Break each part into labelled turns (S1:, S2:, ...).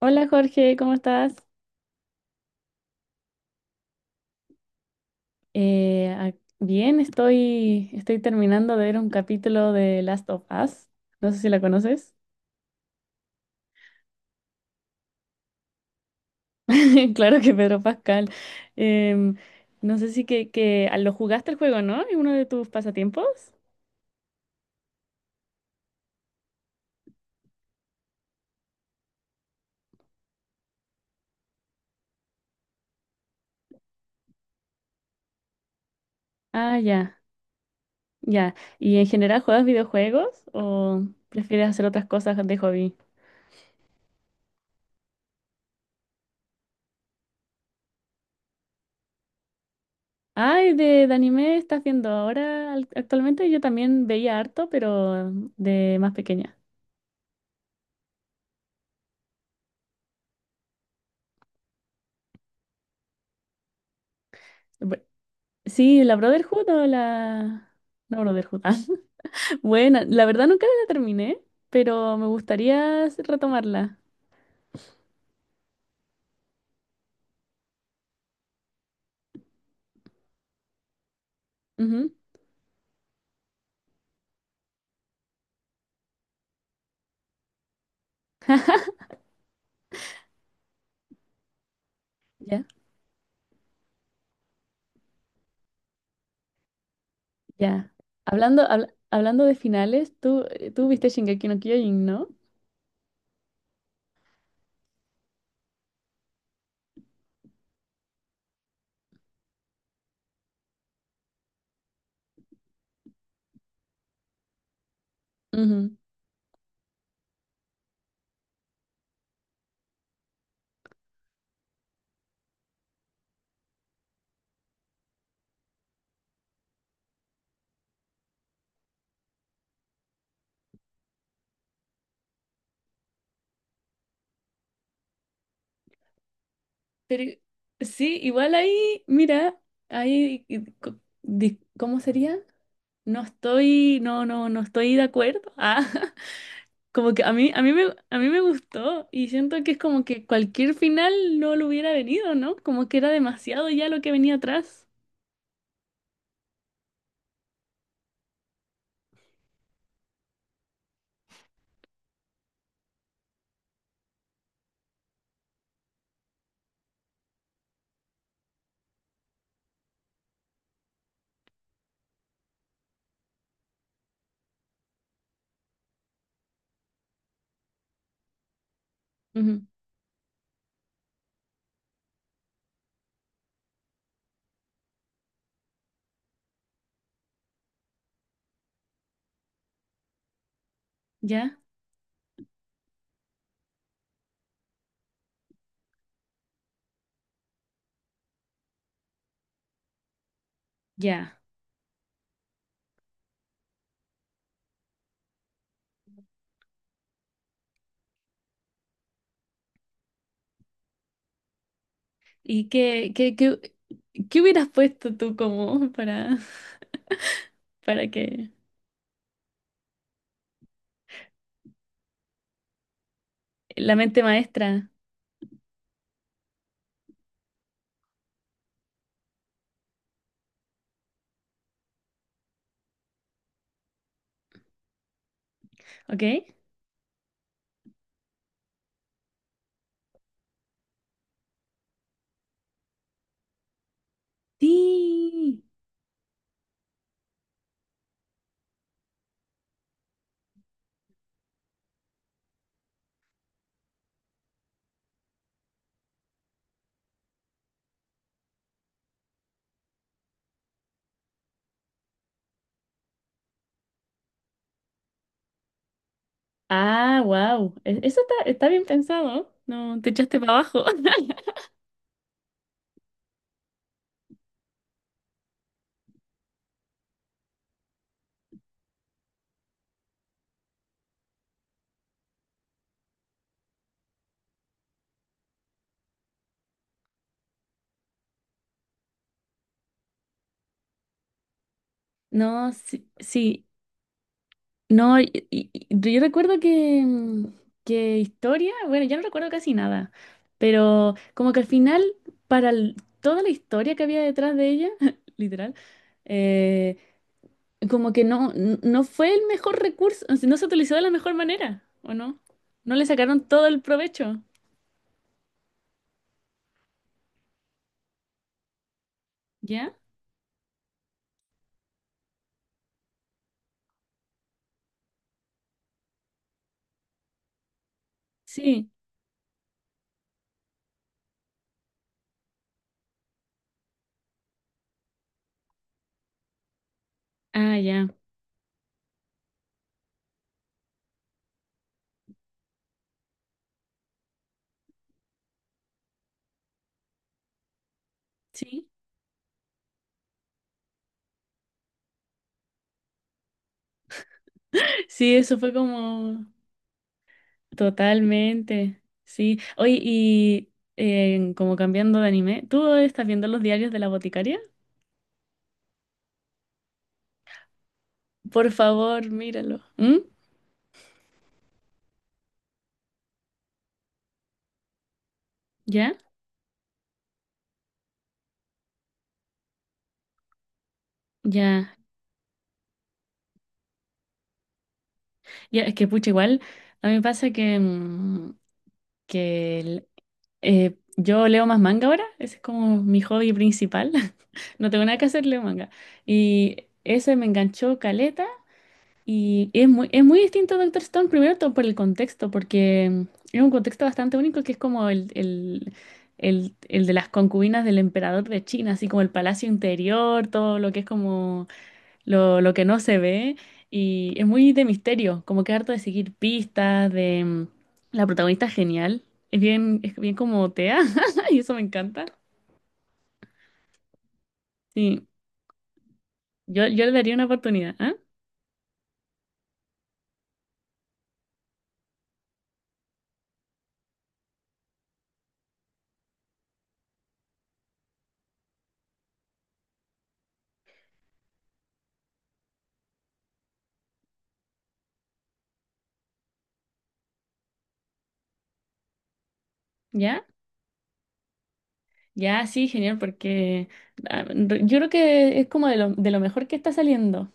S1: Hola Jorge, ¿cómo estás? Bien, estoy terminando de ver un capítulo de Last of Us. No sé si la conoces. Claro que Pedro Pascal. Em, no sé si lo jugaste el juego, ¿no? ¿Es uno de tus pasatiempos? Ah, ya, ya. ¿Y en general juegas videojuegos o prefieres hacer otras cosas de hobby? Ay, de anime estás viendo actualmente. Yo también veía harto, pero de más pequeña. Sí, la Brotherhood o la... No, Brotherhood. Ah. Bueno, la verdad nunca la terminé, pero me gustaría retomarla. Ujú. Ya, ya. Hablando de finales, tú viste Shingeki no Kyojin, ¿no? Ujú. Pero sí, igual ahí, mira, ahí, y co- di- ¿cómo sería? No estoy de acuerdo. Ah, como que a mí me gustó y siento que es como que cualquier final no lo hubiera venido, ¿no? Como que era demasiado ya lo que venía atrás. Ujú. Ya, ya. ¿Y qué hubieras puesto tú como para, para que la mente maestra, ¿ok? Sí. Ah, wow. Eso está, está bien pensado. No, te echaste para abajo. No, sí, sí. No, yo recuerdo que, que historia, bueno, ya no recuerdo casi nada, pero como que al final, toda la historia que había detrás de ella, literal, eh, como que no, no fue el mejor recurso, o sea, no se utilizó de la mejor manera, ¿o no? No le sacaron todo el provecho, ¿ya? Sí, ah, ya, sí. Sí, eso fue como... Totalmente, sí. Oye, y como cambiando de anime, ¿tú estás viendo los diarios de la boticaria? Por favor, míralo. ¿Mm? ¿Ya? Ya. Ya, es que pucha, igual a mí me pasa que, que el- yo leo más manga ahora, ese es como mi hobby principal. No tengo nada que hacer, leo manga. Y ese me enganchó caleta. Y es muy distinto a Doctor Stone, primero todo por el contexto, porque es un contexto bastante único que es como el de las concubinas del emperador de China, así como el palacio interior, todo lo que es como lo que no se ve. Y es muy de misterio, como que harto de seguir pistas, de... la protagonista es genial, es bien como Tea, y eso me encanta. Sí, yo le daría una oportunidad, ¿ah? ¿Ya? Ya, sí, genial, porque yo creo que es como de lo mejor que está saliendo.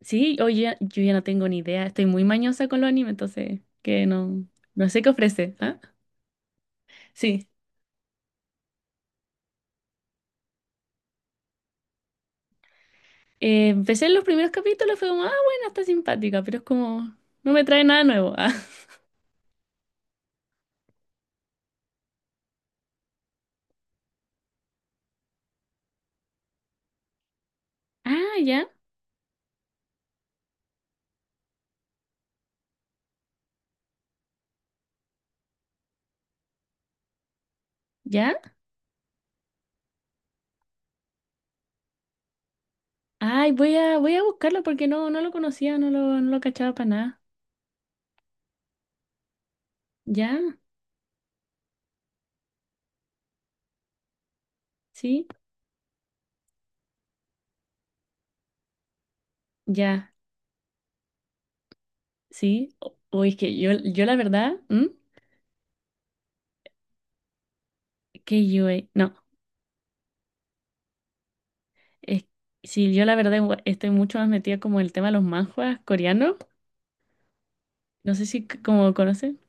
S1: Sí, oye, yo ya no tengo ni idea, estoy muy mañosa con los animes, entonces que no, no sé qué ofrece, ¿ah? Sí, empecé en los primeros capítulos, fue como, ah, bueno, está simpática, pero es como, no me trae nada nuevo. Ah, ah, ya, ya. Ay, voy a, voy a buscarlo porque no, no lo conocía, no lo, no lo cachaba para nada. Ya, sí, ya, sí. Uy, es que yo la verdad, ¿m? Que yo, no. Es, sí, yo la verdad igual estoy mucho más metida como en el tema de los manhwas coreanos. No sé si c- como conocen.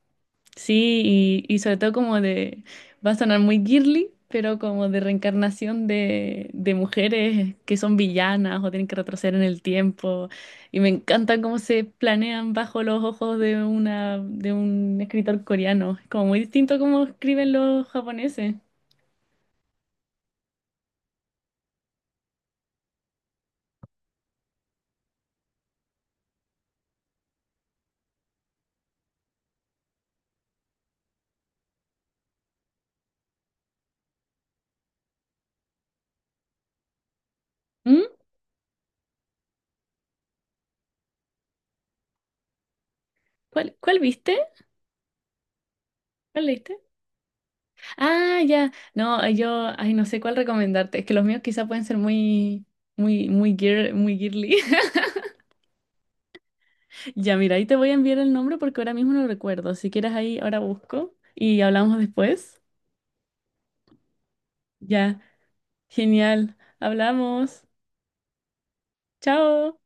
S1: Sí, y sobre todo como de, va a sonar muy girly, pero como de reencarnación de mujeres que son villanas o tienen que retroceder en el tiempo. Y me encanta cómo se planean bajo los ojos de una, de un escritor coreano. Es como muy distinto a cómo escriben los japoneses. ¿Mm? Cuál viste? ¿Cuál leíste? Ah, ya. No, yo, ay, no sé cuál recomendarte. Es que los míos quizá pueden ser muy, muy girl, muy girly. Ya, mira, ahí te voy a enviar el nombre porque ahora mismo no lo recuerdo. Si quieres ahí, ahora busco y hablamos después. Ya, genial. Hablamos. Chao.